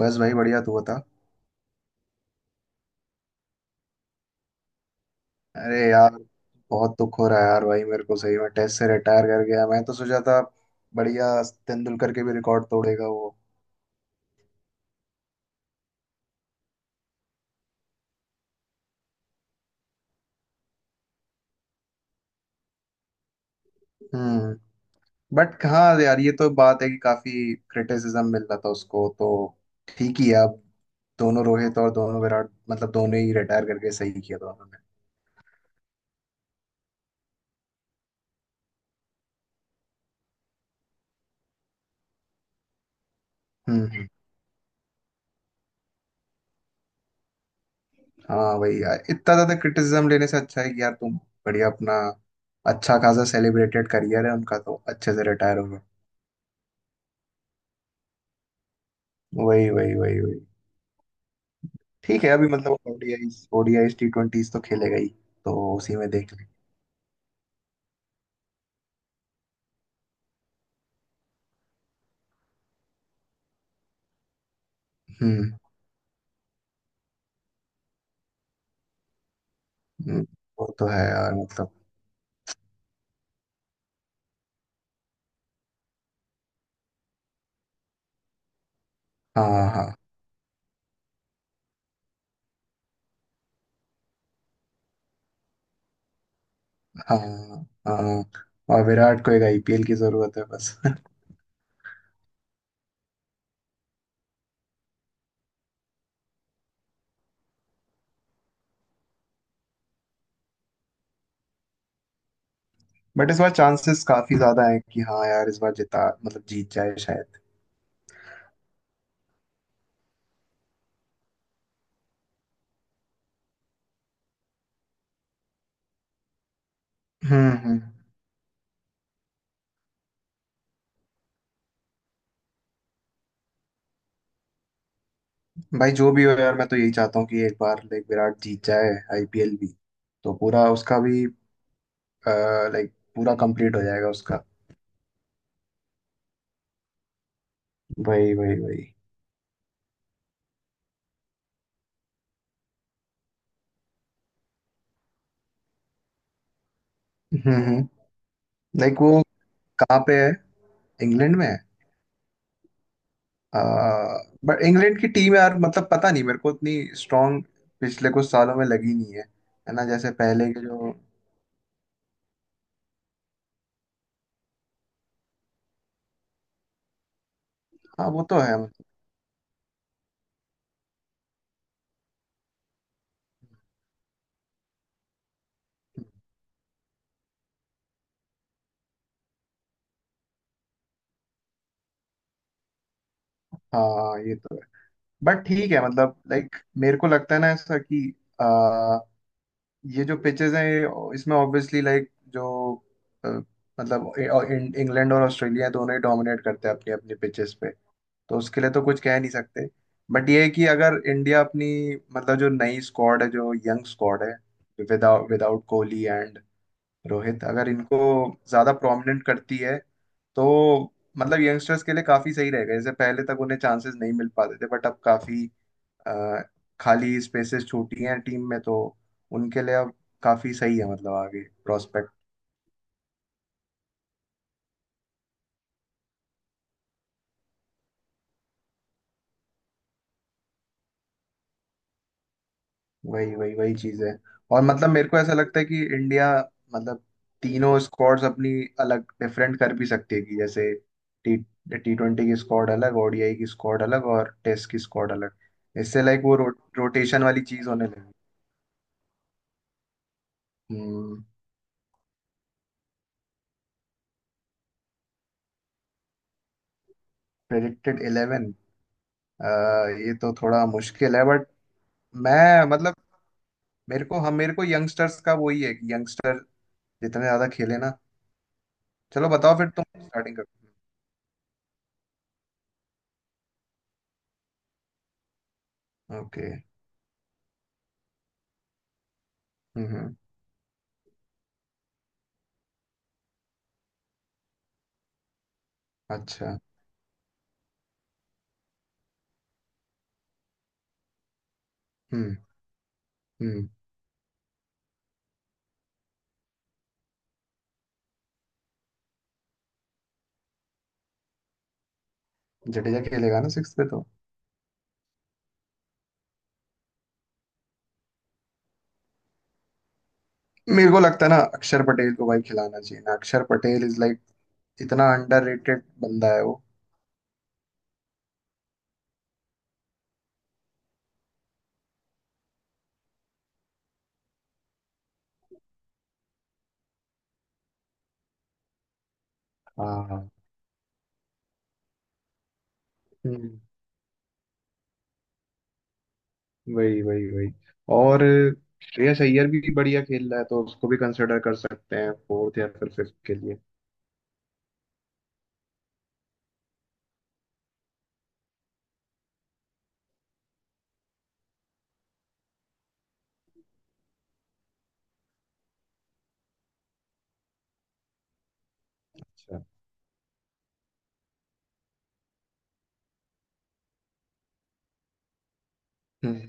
बस भाई बढ़िया, तू बता। अरे यार, बहुत दुख हो रहा है यार। भाई मेरे को सही में, टेस्ट से रिटायर कर गया। मैं तो सोचा था बढ़िया, तेंदुलकर के भी रिकॉर्ड तोड़ेगा वो। हम्म। बट हाँ यार, ये तो बात है कि काफी क्रिटिसिज्म मिल रहा था उसको, तो ठीक ही है अब। दोनों रोहित और दोनों विराट, मतलब दोनों ही रिटायर करके सही किया दोनों ने। हम्म हम्म। हाँ भाई यार, इतना ज्यादा क्रिटिसिज्म लेने से अच्छा है कि यार तुम बढ़िया अपना अच्छा खासा सेलिब्रेटेड करियर है उनका, तो अच्छे से रिटायर हो गए। वही वही वही वही ठीक है, अभी मतलब ओडीआईस ओडीआईस टी ट्वेंटीज तो खेलेगा ही, तो उसी में देख लें। हम्म हम्म। वो तो है यार, मतलब हाँ हाँ। हाँ हाँ। और विराट को एक आईपीएल की जरूरत है बस। बट इस बार चांसेस काफी ज्यादा है कि हाँ यार, इस बार जिता, मतलब जीत जाए शायद। हम्म। भाई जो भी हो यार, मैं तो यही चाहता हूँ कि एक बार लाइक विराट जीत जाए आईपीएल भी, तो पूरा उसका भी लाइक पूरा कंप्लीट हो जाएगा उसका। वही वही वही हम्म। लाइक वो कहाँ पे है? इंग्लैंड में। बट इंग्लैंड की टीम यार, मतलब पता नहीं, मेरे को इतनी स्ट्रांग पिछले कुछ सालों में लगी नहीं है। है ना? जैसे पहले के जो, हाँ वो तो है, मतलब हाँ, ये तो है। बट ठीक है, मतलब लाइक मेरे को लगता है ना ऐसा कि ये जो पिचेस हैं ये- इसमें ऑब्वियसली लाइक जो अ, मतलब ए- और इं- इंग्लैंड और ऑस्ट्रेलिया दोनों ही डोमिनेट करते हैं अपनी अपनी पिचेस पे, तो उसके लिए तो कुछ कह नहीं सकते। बट ये है कि अगर इंडिया अपनी, मतलब जो नई स्क्वाड है, जो यंग स्क्वाड है without without Kohli and Rohit, अगर इनको ज्यादा प्रोमिनेंट करती है तो मतलब यंगस्टर्स के लिए काफी सही रहेगा। जैसे पहले तक उन्हें चांसेस नहीं मिल पाते थे, बट अब काफी अ, खाली स्पेसेस छोटी हैं टीम में, तो उनके लिए अब काफी सही है, मतलब आगे प्रोस्पेक्ट। वही वही वही चीज है। और मतलब मेरे को ऐसा लगता है कि इंडिया, मतलब तीनों स्क्वाड्स अपनी अलग डिफरेंट कर भी सकती है। कि जैसे टी टी ट्वेंटी की स्क्वाड अलग, ओडीआई की स्क्वाड अलग, और टेस्ट की स्क्वाड अलग। इससे लाइक रोटेशन वाली चीज होने लगी। प्रेडिक्टेड इलेवन, ये तो थोड़ा मुश्किल है बट मैं मतलब मेरे को हम मेरे को यंगस्टर्स का वही है कि यंगस्टर जितने ज्यादा खेले ना। चलो, बताओ फिर तुम स्टार्टिंग करो। ओके। हम्म। अच्छा। हम्म हम्म। जडेजा खेलेगा ना सिक्स पे तो? मेरे को लगता है ना, अक्षर पटेल को भाई खिलाना चाहिए ना। अक्षर पटेल इज लाइक इतना अंडररेटेड बंदा है वो। हाँ हाँ। हम्म। वही वही वही और श्रेयस अय्यर भी बढ़िया खेल रहा है, तो उसको भी कंसिडर कर सकते हैं फोर्थ या फिर फिफ्थ के लिए। अच्छा। हम्म।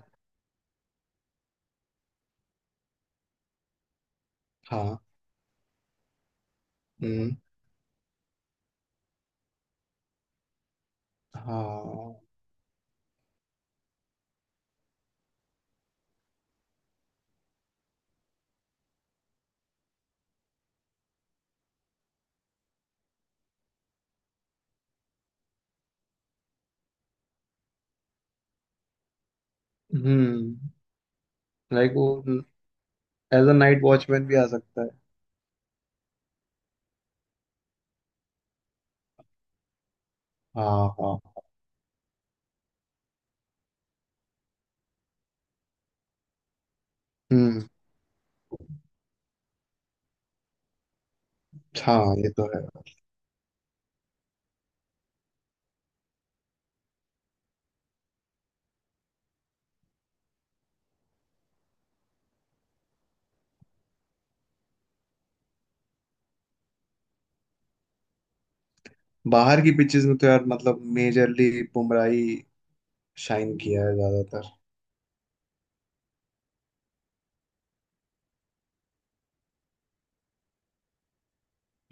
हाँ। हम्म। हाँ। हम्म। लाइक वो एज अ नाइट वॉचमैन भी आ सकता है। हाँ हाँ। हम्म। हाँ ये तो है। बाहर की पिचेस में तो यार, मतलब मेजरली बुमराह ही शाइन किया है ज्यादातर।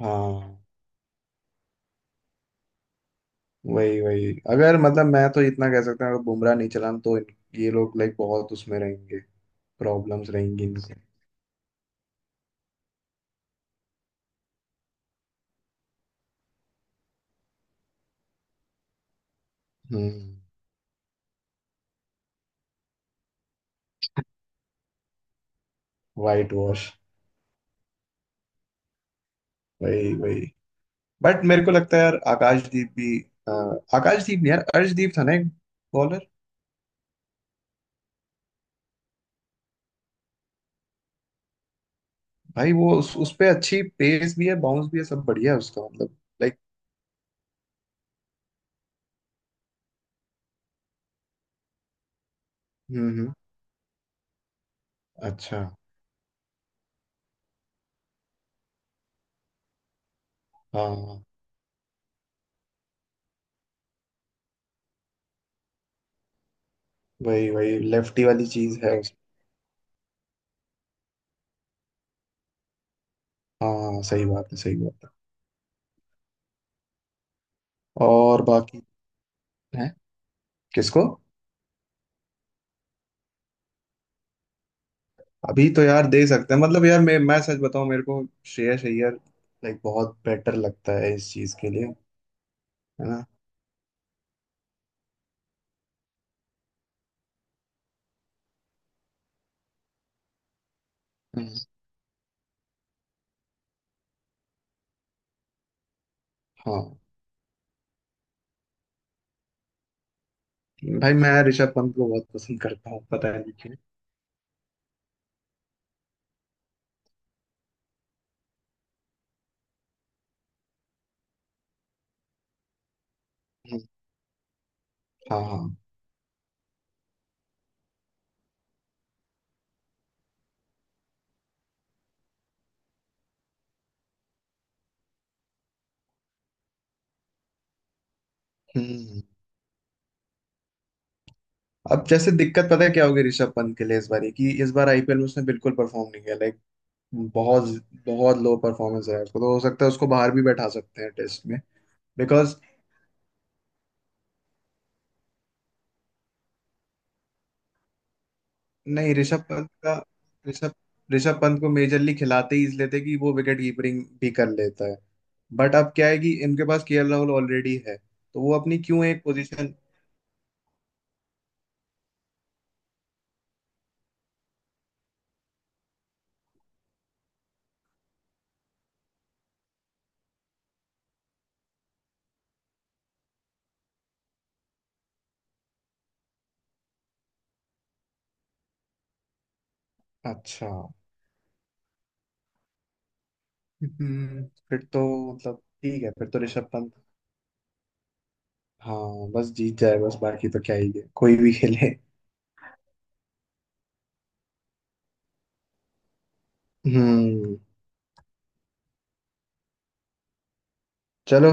हाँ। वही वही अगर मतलब मैं तो इतना कह सकता हूँ, अगर बुमराह नहीं चला तो ये लोग लाइक बहुत उसमें रहेंगे, प्रॉब्लम्स रहेंगी इनसे। हम्म। Whitewash. वही वही बट मेरे को लगता है यार आकाशदीप भी अ, आकाशदीप नहीं यार, अर्शदीप था ना एक बॉलर। भाई उस पे अच्छी पेस भी है, बाउंस भी है, सब बढ़िया है उसका मतलब। लाइक। हम्म। अच्छा। हाँ। वही वही लेफ्टी वाली चीज है उस। हाँ सही बात है, सही बात है। और बाकी है? किसको? अभी तो यार दे सकते हैं, मतलब यार मैं सच बताऊं, मेरे को श्रेयस अय्यर लाइक बहुत बेटर लगता है इस चीज के लिए है ना। हम्म, हाँ भाई, मैं ऋषभ पंत को बहुत पसंद करता हूँ, पता है नहीं क्यों। हम्म, हाँ हाँ। हम्म। अब जैसे दिक्कत पता है क्या होगी ऋषभ पंत के लिए इस बार? कि इस बार आईपीएल में उसने बिल्कुल परफॉर्म नहीं किया लाइक। बहुत बहुत लो परफॉर्मेंस है उसको, तो हो सकता है उसको बाहर भी बैठा सकते हैं टेस्ट में। बिकॉज, नहीं ऋषभ पंत का, ऋषभ ऋषभ पंत को मेजरली खिलाते ही इसलिए थे कि वो विकेट कीपिंग भी कर लेता है। बट अब क्या है कि इनके पास केएल राहुल ऑलरेडी है, तो वो अपनी क्यों एक पोजीशन। अच्छा। हम्म, फिर तो मतलब ठीक है, फिर तो ऋषभ पंत। हाँ बस जीत जाए बस, बाकी तो क्या ही है, कोई भी खेले। हम्म। चलो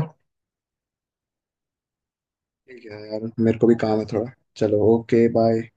ठीक है यार, मेरे को भी काम है थोड़ा। चलो ओके बाय।